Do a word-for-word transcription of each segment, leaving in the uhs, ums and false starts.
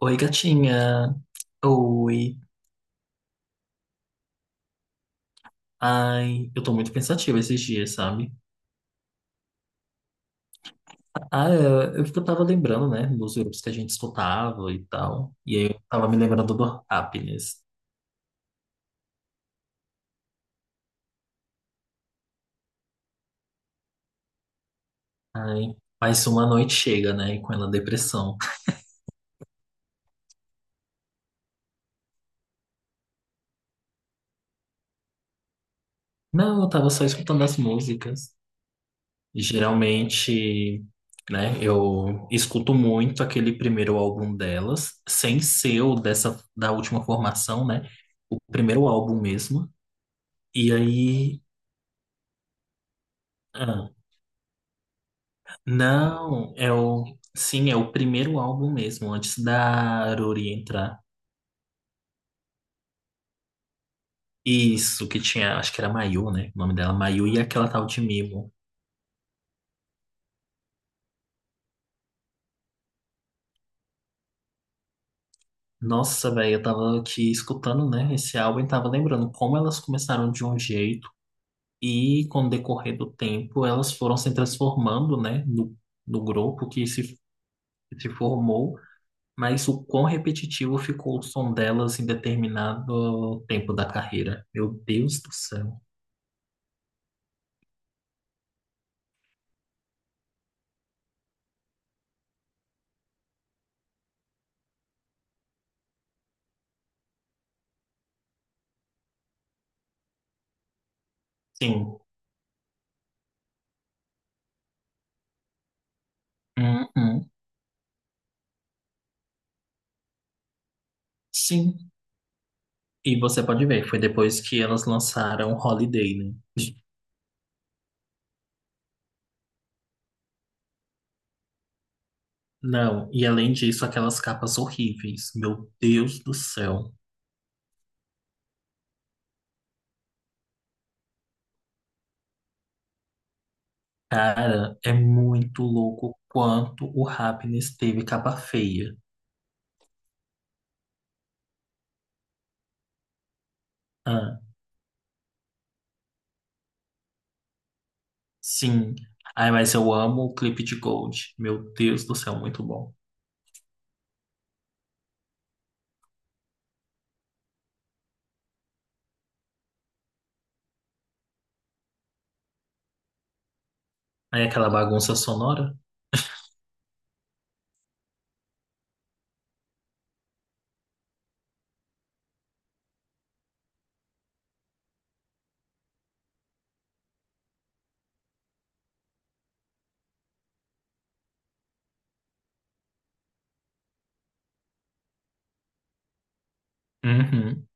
Oi, gatinha. Oi. Ai, eu tô muito pensativa esses dias, sabe? Ah, eu, eu que eu tava lembrando, né, dos grupos que a gente escutava e tal. E aí eu tava me lembrando do Happiness. Ai, mais uma noite chega, né, e com ela depressão. Não, eu tava só escutando as músicas. Geralmente, né, eu escuto muito aquele primeiro álbum delas, sem ser o dessa, da última formação, né? O primeiro álbum mesmo. E aí. Ah, não, é o. Sim, é o primeiro álbum mesmo, antes da Aruri entrar. Isso, que tinha, acho que era Mayu, né? O nome dela, Mayu, e aquela tal de Mimo. Nossa, velho, eu tava aqui escutando, né, esse álbum e tava lembrando como elas começaram de um jeito e, com o decorrer do tempo, elas foram se transformando, né, no, no grupo que se, se formou, mas o quão repetitivo ficou o som delas em determinado tempo da carreira. Meu Deus do céu. Sim. Uhum. Sim, e você pode ver, foi depois que elas lançaram Holiday, né? Não, e além disso, aquelas capas horríveis. Meu Deus do céu. Cara, é muito louco quanto o Happiness teve capa feia. Ah, sim. Ai, mas eu amo o clipe de Gold. Meu Deus do céu, muito bom. Aí aquela bagunça sonora? Uhum.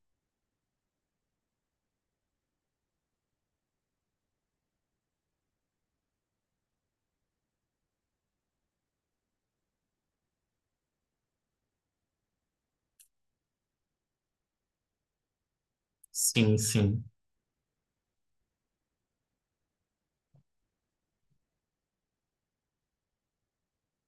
Sim, sim.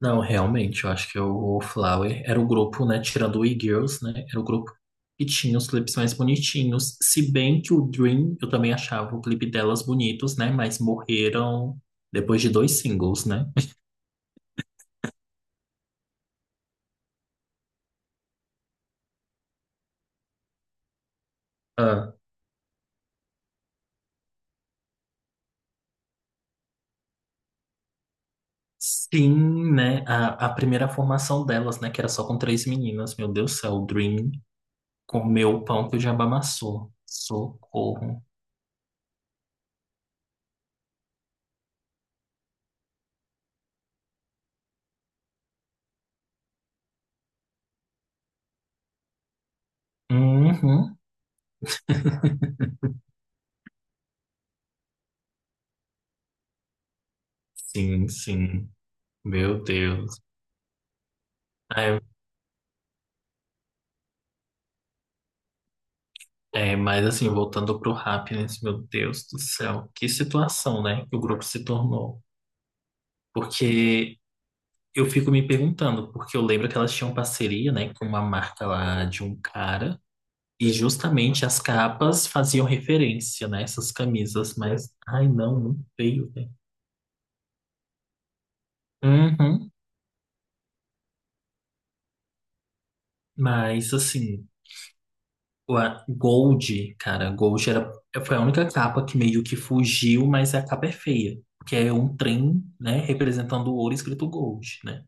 Não, realmente, eu acho que o Flower era o grupo, né, tirando o E-Girls, né, era o grupo que tinha os clipes mais bonitinhos, se bem que o Dream, eu também achava o clipe delas bonitos, né, mas morreram depois de dois singles, né. Ah, sim, né, a, a primeira formação delas, né, que era só com três meninas, meu Deus do céu, o Dream comeu o pão que o diabo amassou, socorro. Uhum, sim, sim, meu Deus. É, mas assim, voltando pro Happiness, meu Deus do céu, que situação, né, que o grupo se tornou. Porque eu fico me perguntando, porque eu lembro que elas tinham parceria, né, com uma marca lá de um cara, e justamente as capas faziam referência, né, essas camisas, mas, ai não, muito feio, velho. Uhum, mas assim, o a Gold, cara, Gold era, foi a única capa que meio que fugiu, mas a capa é feia. Que é um trem, né, representando o ouro escrito Gold, né?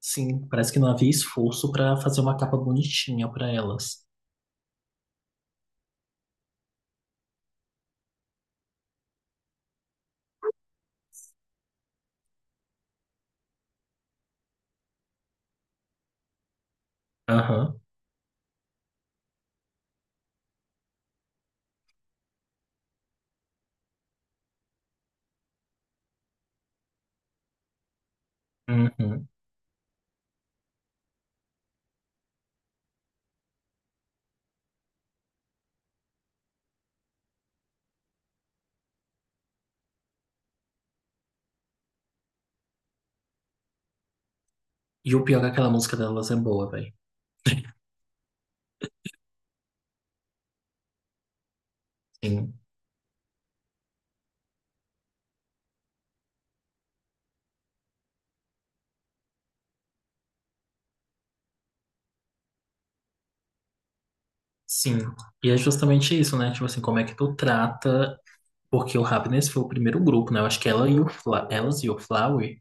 Sim, parece que não havia esforço pra fazer uma capa bonitinha pra elas. Aham. Uhum. E o pior é que aquela música delas é boa, velho. Sim. Sim. E é justamente isso, né? Tipo assim, como é que tu trata. Porque o Happiness foi o primeiro grupo, né? Eu acho que ela e o Fla... elas e o Flower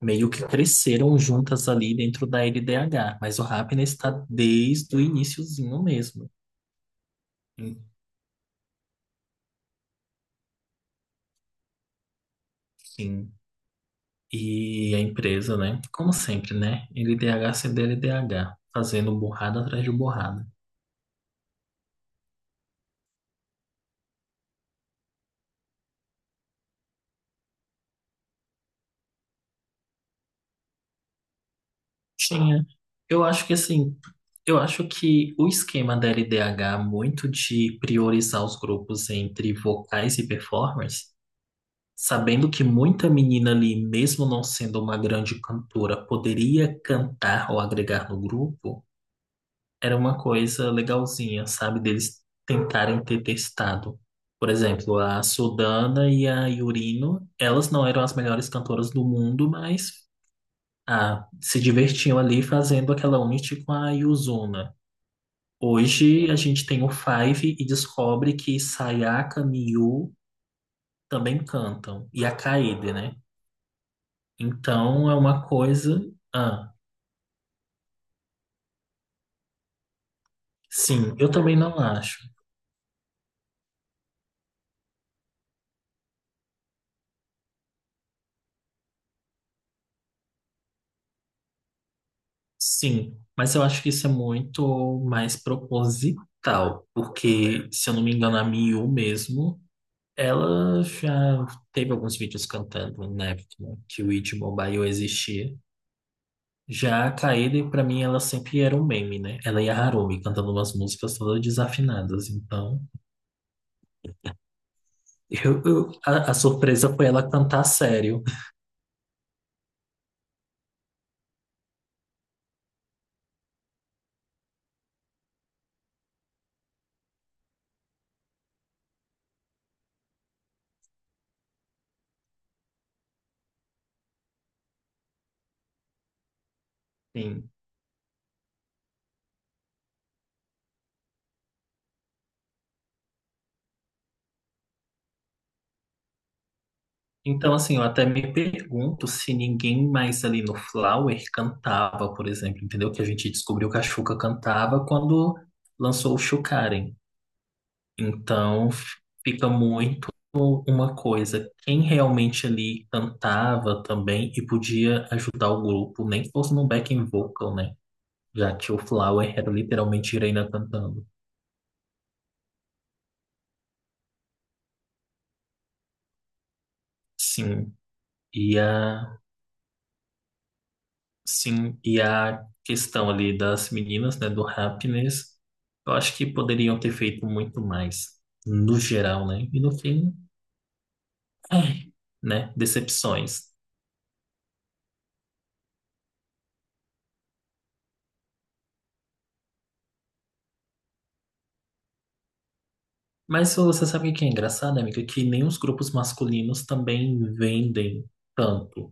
meio que cresceram juntas ali dentro da L D H. Mas o Happiness tá desde o iniciozinho mesmo. Sim. E a empresa, né? Como sempre, né? L D H, C D L, L D H, fazendo borrada atrás de borrada. Tinha. Eu acho que assim, eu acho que o esquema da L D H, muito de priorizar os grupos entre vocais e performers, sabendo que muita menina ali, mesmo não sendo uma grande cantora, poderia cantar ou agregar no grupo. Era uma coisa legalzinha, sabe? Deles tentarem ter testado. Por exemplo, a Sudana e a Yurino, elas não eram as melhores cantoras do mundo, mas ah, se divertiam ali fazendo aquela unity com a Yuzuna. Hoje a gente tem o Five e descobre que Sayaka, Miyu também cantam, e a Kaede, né? Então é uma coisa. Ah, sim, eu também não acho. Sim, mas eu acho que isso é muito mais proposital, porque, se eu não me engano, a Miu mesmo, ela já teve alguns vídeos cantando na época né, que o It Mobile existia. Já a Kaede, pra mim, ela sempre era um meme, né? Ela e a Harumi cantando umas músicas todas desafinadas. Então, eu, eu- a, a surpresa foi ela cantar sério. Sim. Então, assim, eu até me pergunto se ninguém mais ali no Flower cantava, por exemplo, entendeu? Que a gente descobriu que a Xuca cantava quando lançou o Xucaren. Então, fica muito uma coisa, quem realmente ali cantava também e podia ajudar o grupo, nem que fosse num backing vocal, né? Já que o Flower era literalmente Irena cantando. Sim. E a Sim, e a questão ali das meninas, né, do happiness, eu acho que poderiam ter feito muito mais, no geral, né? E no fim, ai, né, decepções. Mas você sabe o que é engraçado, amiga? Que nem os grupos masculinos também vendem tanto.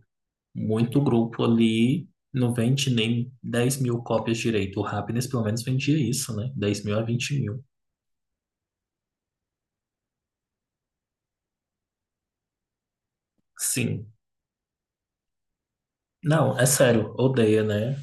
Muito grupo ali não vende nem dez mil cópias direito. O happiness pelo menos vendia isso, né? dez mil a vinte mil. Sim. Não, é sério, odeia, né?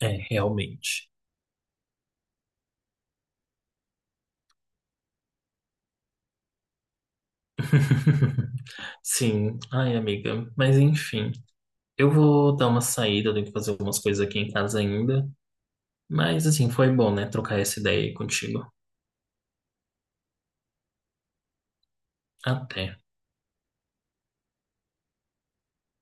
É, realmente. Sim, ai amiga, mas enfim, eu vou dar uma saída, eu tenho que fazer algumas coisas aqui em casa ainda, mas assim, foi bom, né, trocar essa ideia aí contigo. Até.